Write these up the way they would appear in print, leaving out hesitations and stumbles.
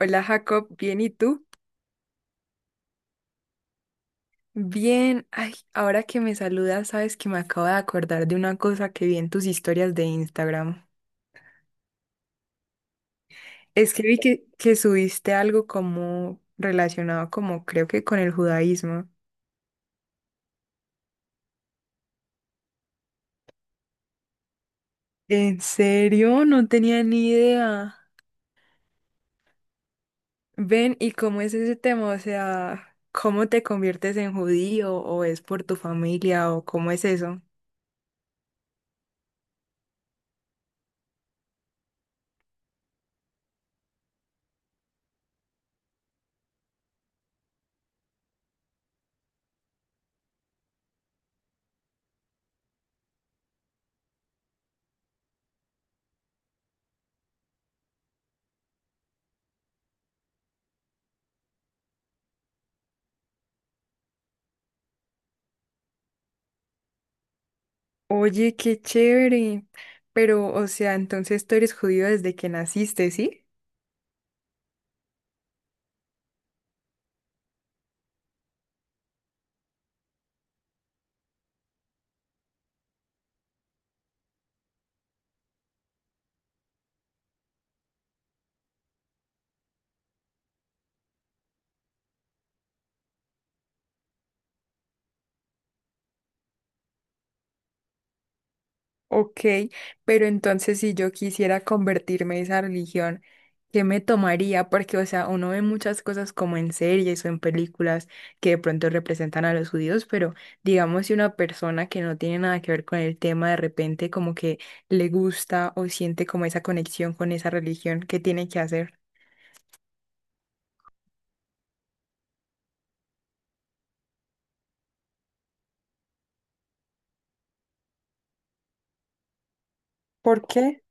Hola Jacob, bien, ¿y tú? Bien, ay, ahora que me saludas, sabes que me acabo de acordar de una cosa que vi en tus historias de Instagram. Es que vi que subiste algo como relacionado como creo que con el judaísmo. ¿En serio? No tenía ni idea. Ven, ¿y cómo es ese tema? O sea, ¿cómo te conviertes en judío o es por tu familia o cómo es eso? Oye, qué chévere. Pero, o sea, entonces tú eres judío desde que naciste, ¿sí? Ok, pero entonces si yo quisiera convertirme a esa religión, ¿qué me tomaría? Porque, o sea, uno ve muchas cosas como en series o en películas que de pronto representan a los judíos, pero digamos si una persona que no tiene nada que ver con el tema de repente como que le gusta o siente como esa conexión con esa religión, ¿qué tiene que hacer? ¿Por qué?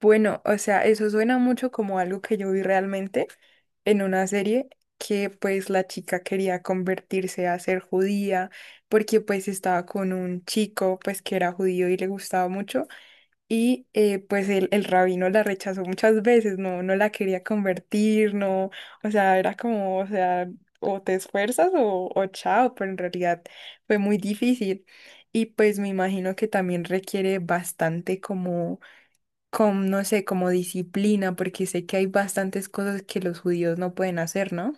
Bueno, o sea, eso suena mucho como algo que yo vi realmente en una serie que pues la chica quería convertirse a ser judía porque pues estaba con un chico pues que era judío y le gustaba mucho y pues el rabino la rechazó muchas veces, no, no la quería convertir, no, o sea, era como, o sea, o te esfuerzas o chao, pero en realidad fue muy difícil y pues me imagino que también requiere bastante como con, no sé, como disciplina, porque sé que hay bastantes cosas que los judíos no pueden hacer, ¿no?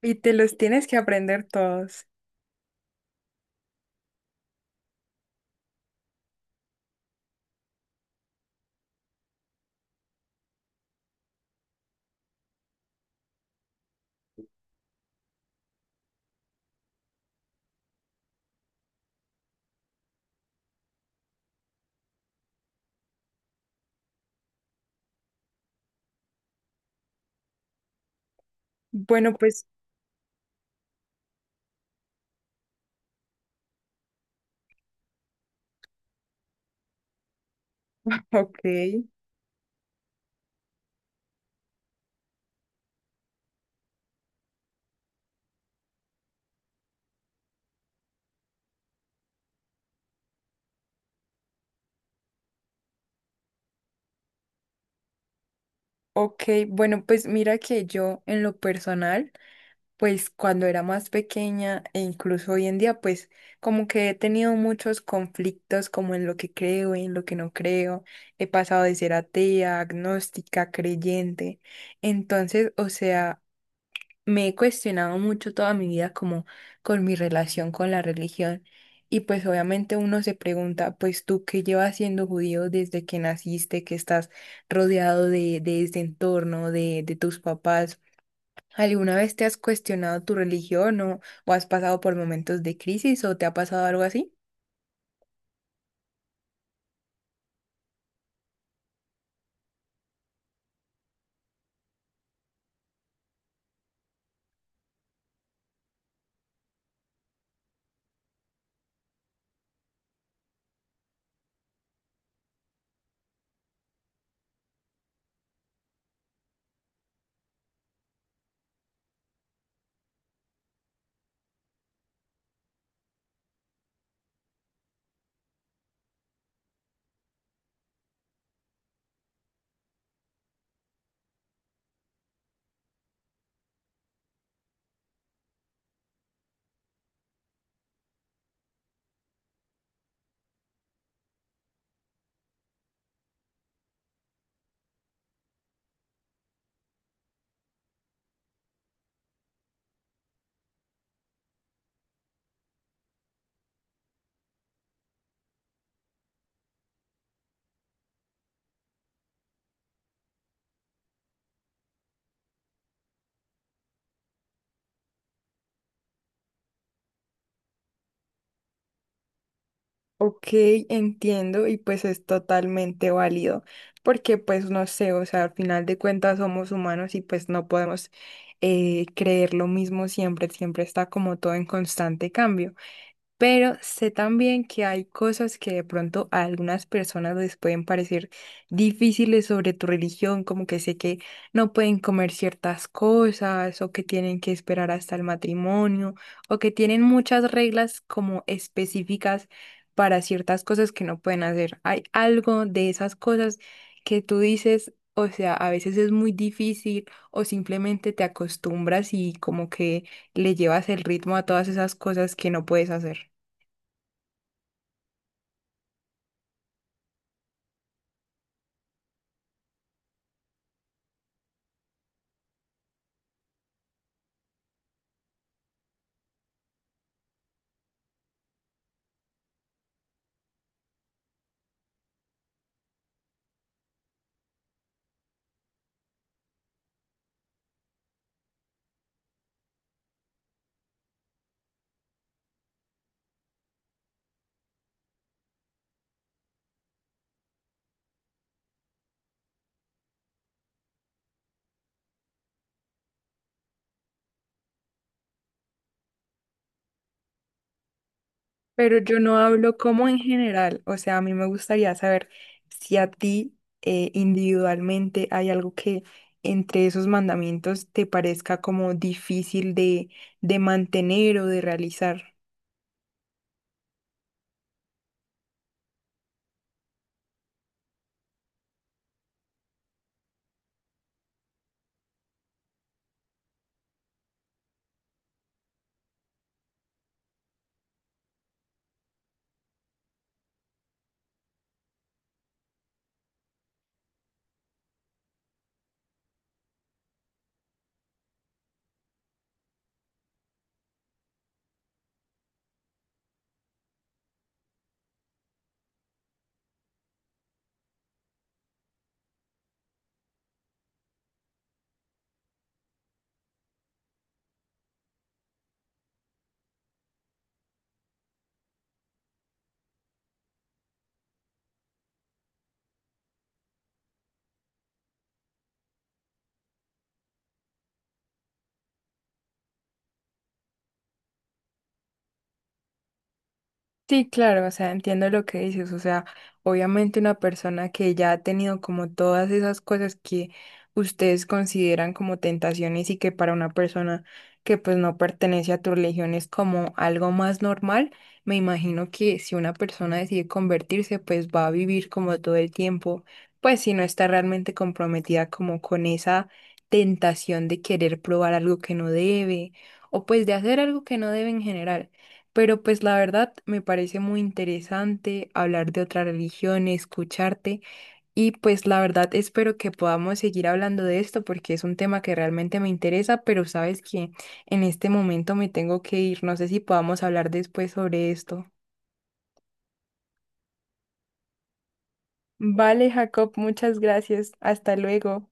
Y te los tienes que aprender todos. Bueno, pues, ok, ok, bueno, pues mira que yo en lo personal, pues cuando era más pequeña e incluso hoy en día, pues como que he tenido muchos conflictos como en lo que creo, en lo que no creo, he pasado de ser atea, agnóstica, creyente, entonces, o sea, me he cuestionado mucho toda mi vida como con mi relación con la religión y pues obviamente uno se pregunta, pues tú que llevas siendo judío desde que naciste, que estás rodeado de este entorno, de tus papás, ¿alguna vez te has cuestionado tu religión o has pasado por momentos de crisis o te ha pasado algo así? Ok, entiendo y pues es totalmente válido porque pues no sé, o sea, al final de cuentas somos humanos y pues no podemos creer lo mismo siempre, siempre está como todo en constante cambio. Pero sé también que hay cosas que de pronto a algunas personas les pueden parecer difíciles sobre tu religión, como que sé que no pueden comer ciertas cosas o que tienen que esperar hasta el matrimonio o que tienen muchas reglas como específicas para ciertas cosas que no pueden hacer. Hay algo de esas cosas que tú dices, o sea, a veces es muy difícil o simplemente te acostumbras y como que le llevas el ritmo a todas esas cosas que no puedes hacer. Pero yo no hablo como en general, o sea, a mí me gustaría saber si a ti individualmente hay algo que entre esos mandamientos te parezca como difícil de mantener o de realizar. Sí, claro, o sea, entiendo lo que dices, o sea, obviamente una persona que ya ha tenido como todas esas cosas que ustedes consideran como tentaciones y que para una persona que pues no pertenece a tu religión es como algo más normal, me imagino que si una persona decide convertirse, pues va a vivir como todo el tiempo, pues si no está realmente comprometida como con esa tentación de querer probar algo que no debe o pues de hacer algo que no debe en general. Pero pues la verdad me parece muy interesante hablar de otra religión, escucharte y pues la verdad espero que podamos seguir hablando de esto porque es un tema que realmente me interesa, pero sabes que en este momento me tengo que ir. No sé si podamos hablar después sobre esto. Vale, Jacob, muchas gracias. Hasta luego.